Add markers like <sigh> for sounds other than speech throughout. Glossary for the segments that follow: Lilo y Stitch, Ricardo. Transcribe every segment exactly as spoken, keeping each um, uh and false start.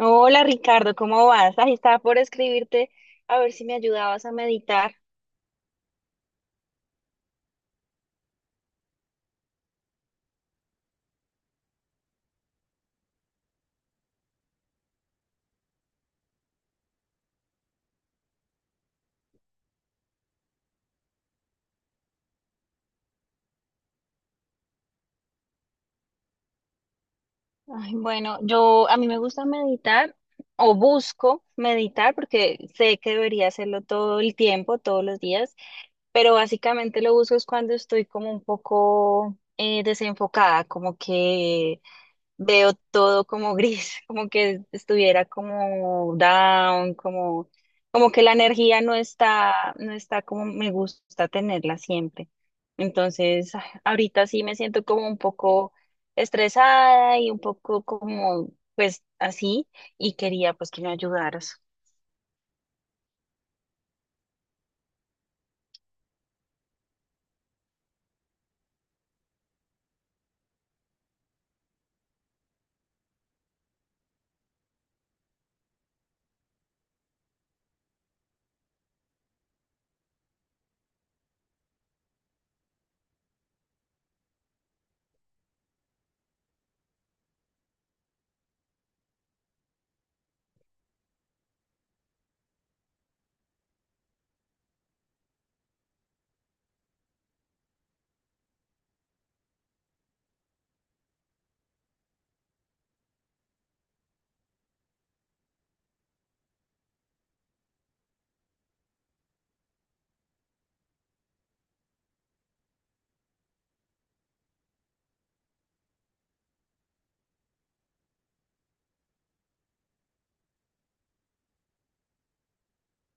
Hola Ricardo, ¿cómo vas? Ahí estaba por escribirte a ver si me ayudabas a meditar. Ay, bueno, yo a mí me gusta meditar o busco meditar porque sé que debería hacerlo todo el tiempo, todos los días, pero básicamente lo busco es cuando estoy como un poco eh, desenfocada, como que veo todo como gris, <laughs> como que estuviera como down, como, como que la energía no está, no está como me gusta tenerla siempre. Entonces, ah, ahorita sí me siento como un poco estresada y un poco como, pues así, y quería pues que me ayudaras.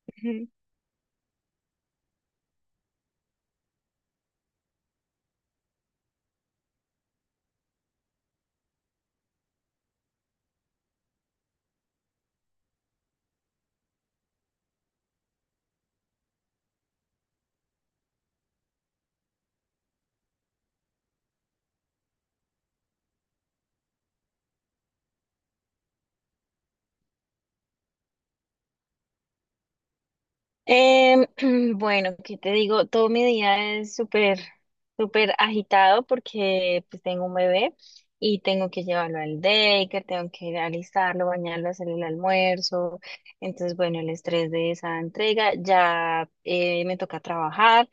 <laughs> Em, <clears throat> bueno, ¿qué te digo? Todo mi día es súper, súper agitado porque pues tengo un bebé y tengo que llevarlo al daycare, tengo que alistarlo, bañarlo, hacerle el almuerzo. Entonces, bueno, el estrés de esa entrega, ya eh, me toca trabajar.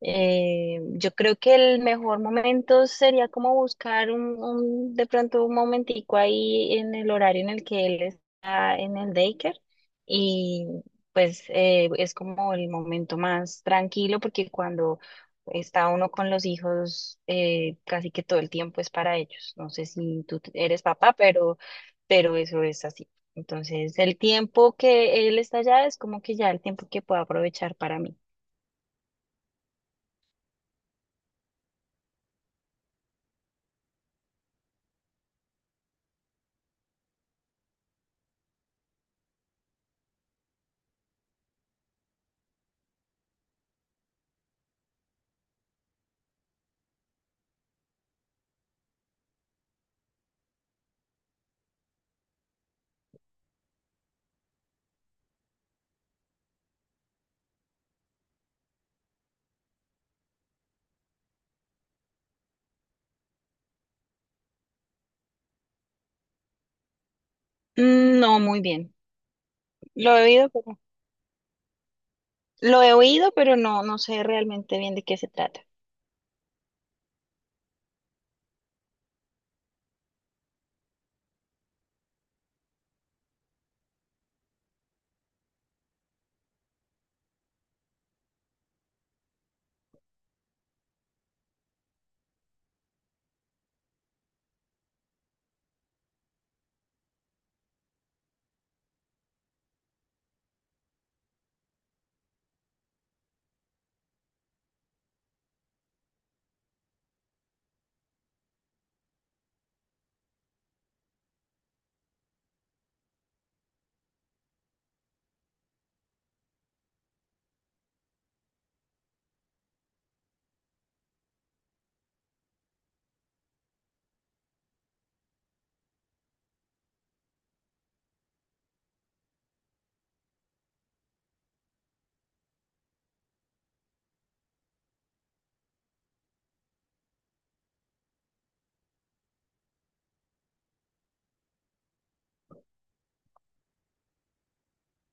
Eh, yo creo que el mejor momento sería como buscar un, un- de pronto un momentico ahí en el horario en el que él está en el daycare y pues eh, es como el momento más tranquilo porque cuando está uno con los hijos eh, casi que todo el tiempo es para ellos. No sé si tú t- eres papá, pero, pero eso es así. Entonces el tiempo que él está allá es como que ya el tiempo que puedo aprovechar para mí. Mm, no, muy bien. Lo he oído, pero lo he oído, pero no, no sé realmente bien de qué se trata.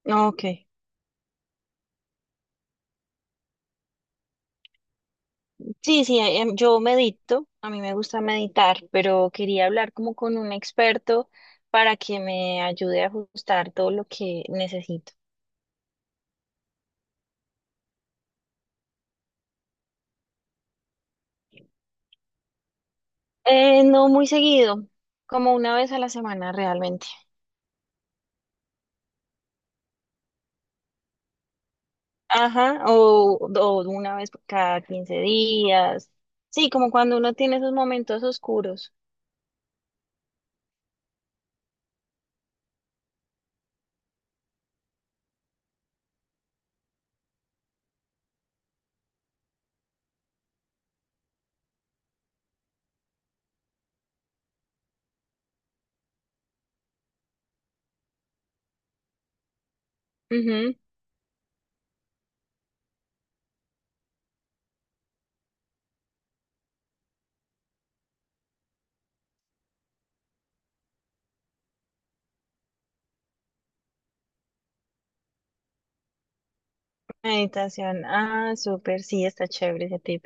Ok. Sí, sí, eh, em, yo medito, a mí me gusta meditar, pero quería hablar como con un experto para que me ayude a ajustar todo lo que necesito. Eh, no muy seguido, como una vez a la semana realmente. Ajá, o, o una vez por cada quince días. Sí, como cuando uno tiene esos momentos oscuros. Ujú, meditación. Ah, súper, sí, está chévere ese tip.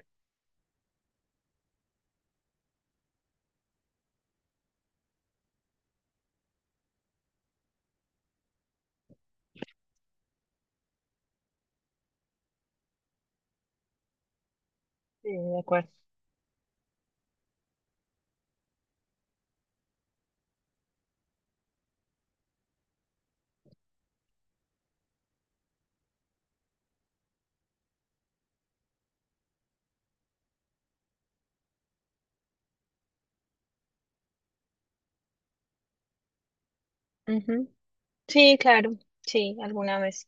Sí, de acuerdo. Ujú. Sí, claro, sí, alguna vez.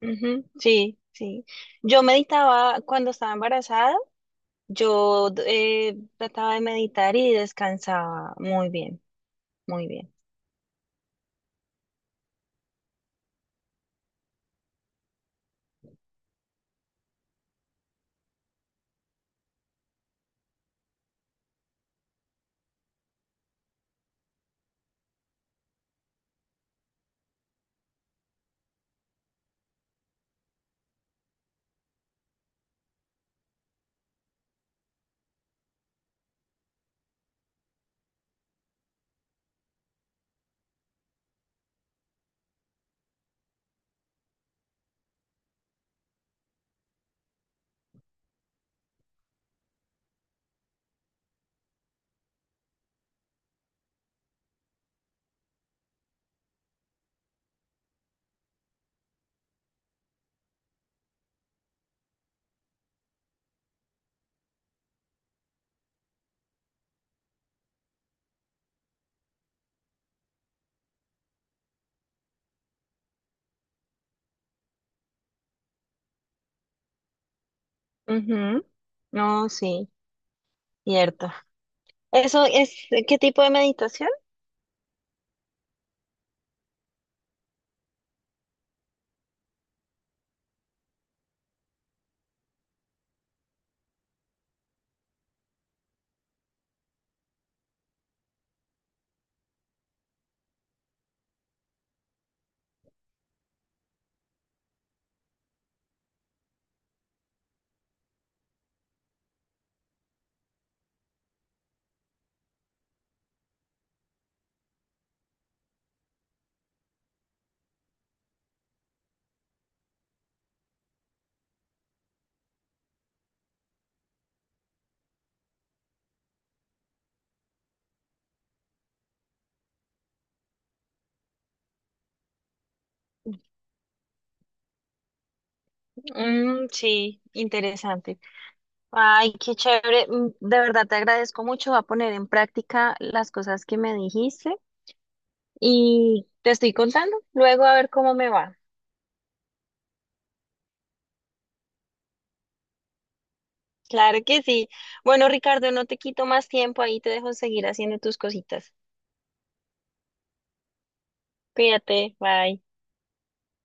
Ujú, sí, sí. Yo meditaba cuando estaba embarazada, yo eh, trataba de meditar y descansaba muy bien, muy bien. Ujú, no, sí, cierto. ¿Eso es eh, qué tipo de meditación? Mm, sí, interesante. Ay, qué chévere. Mm, de verdad te agradezco mucho. Voy a poner en práctica las cosas que me dijiste y te estoy contando luego a ver cómo me va. Claro que sí. Bueno, Ricardo, no te quito más tiempo, ahí te dejo seguir haciendo tus cositas. Cuídate, bye.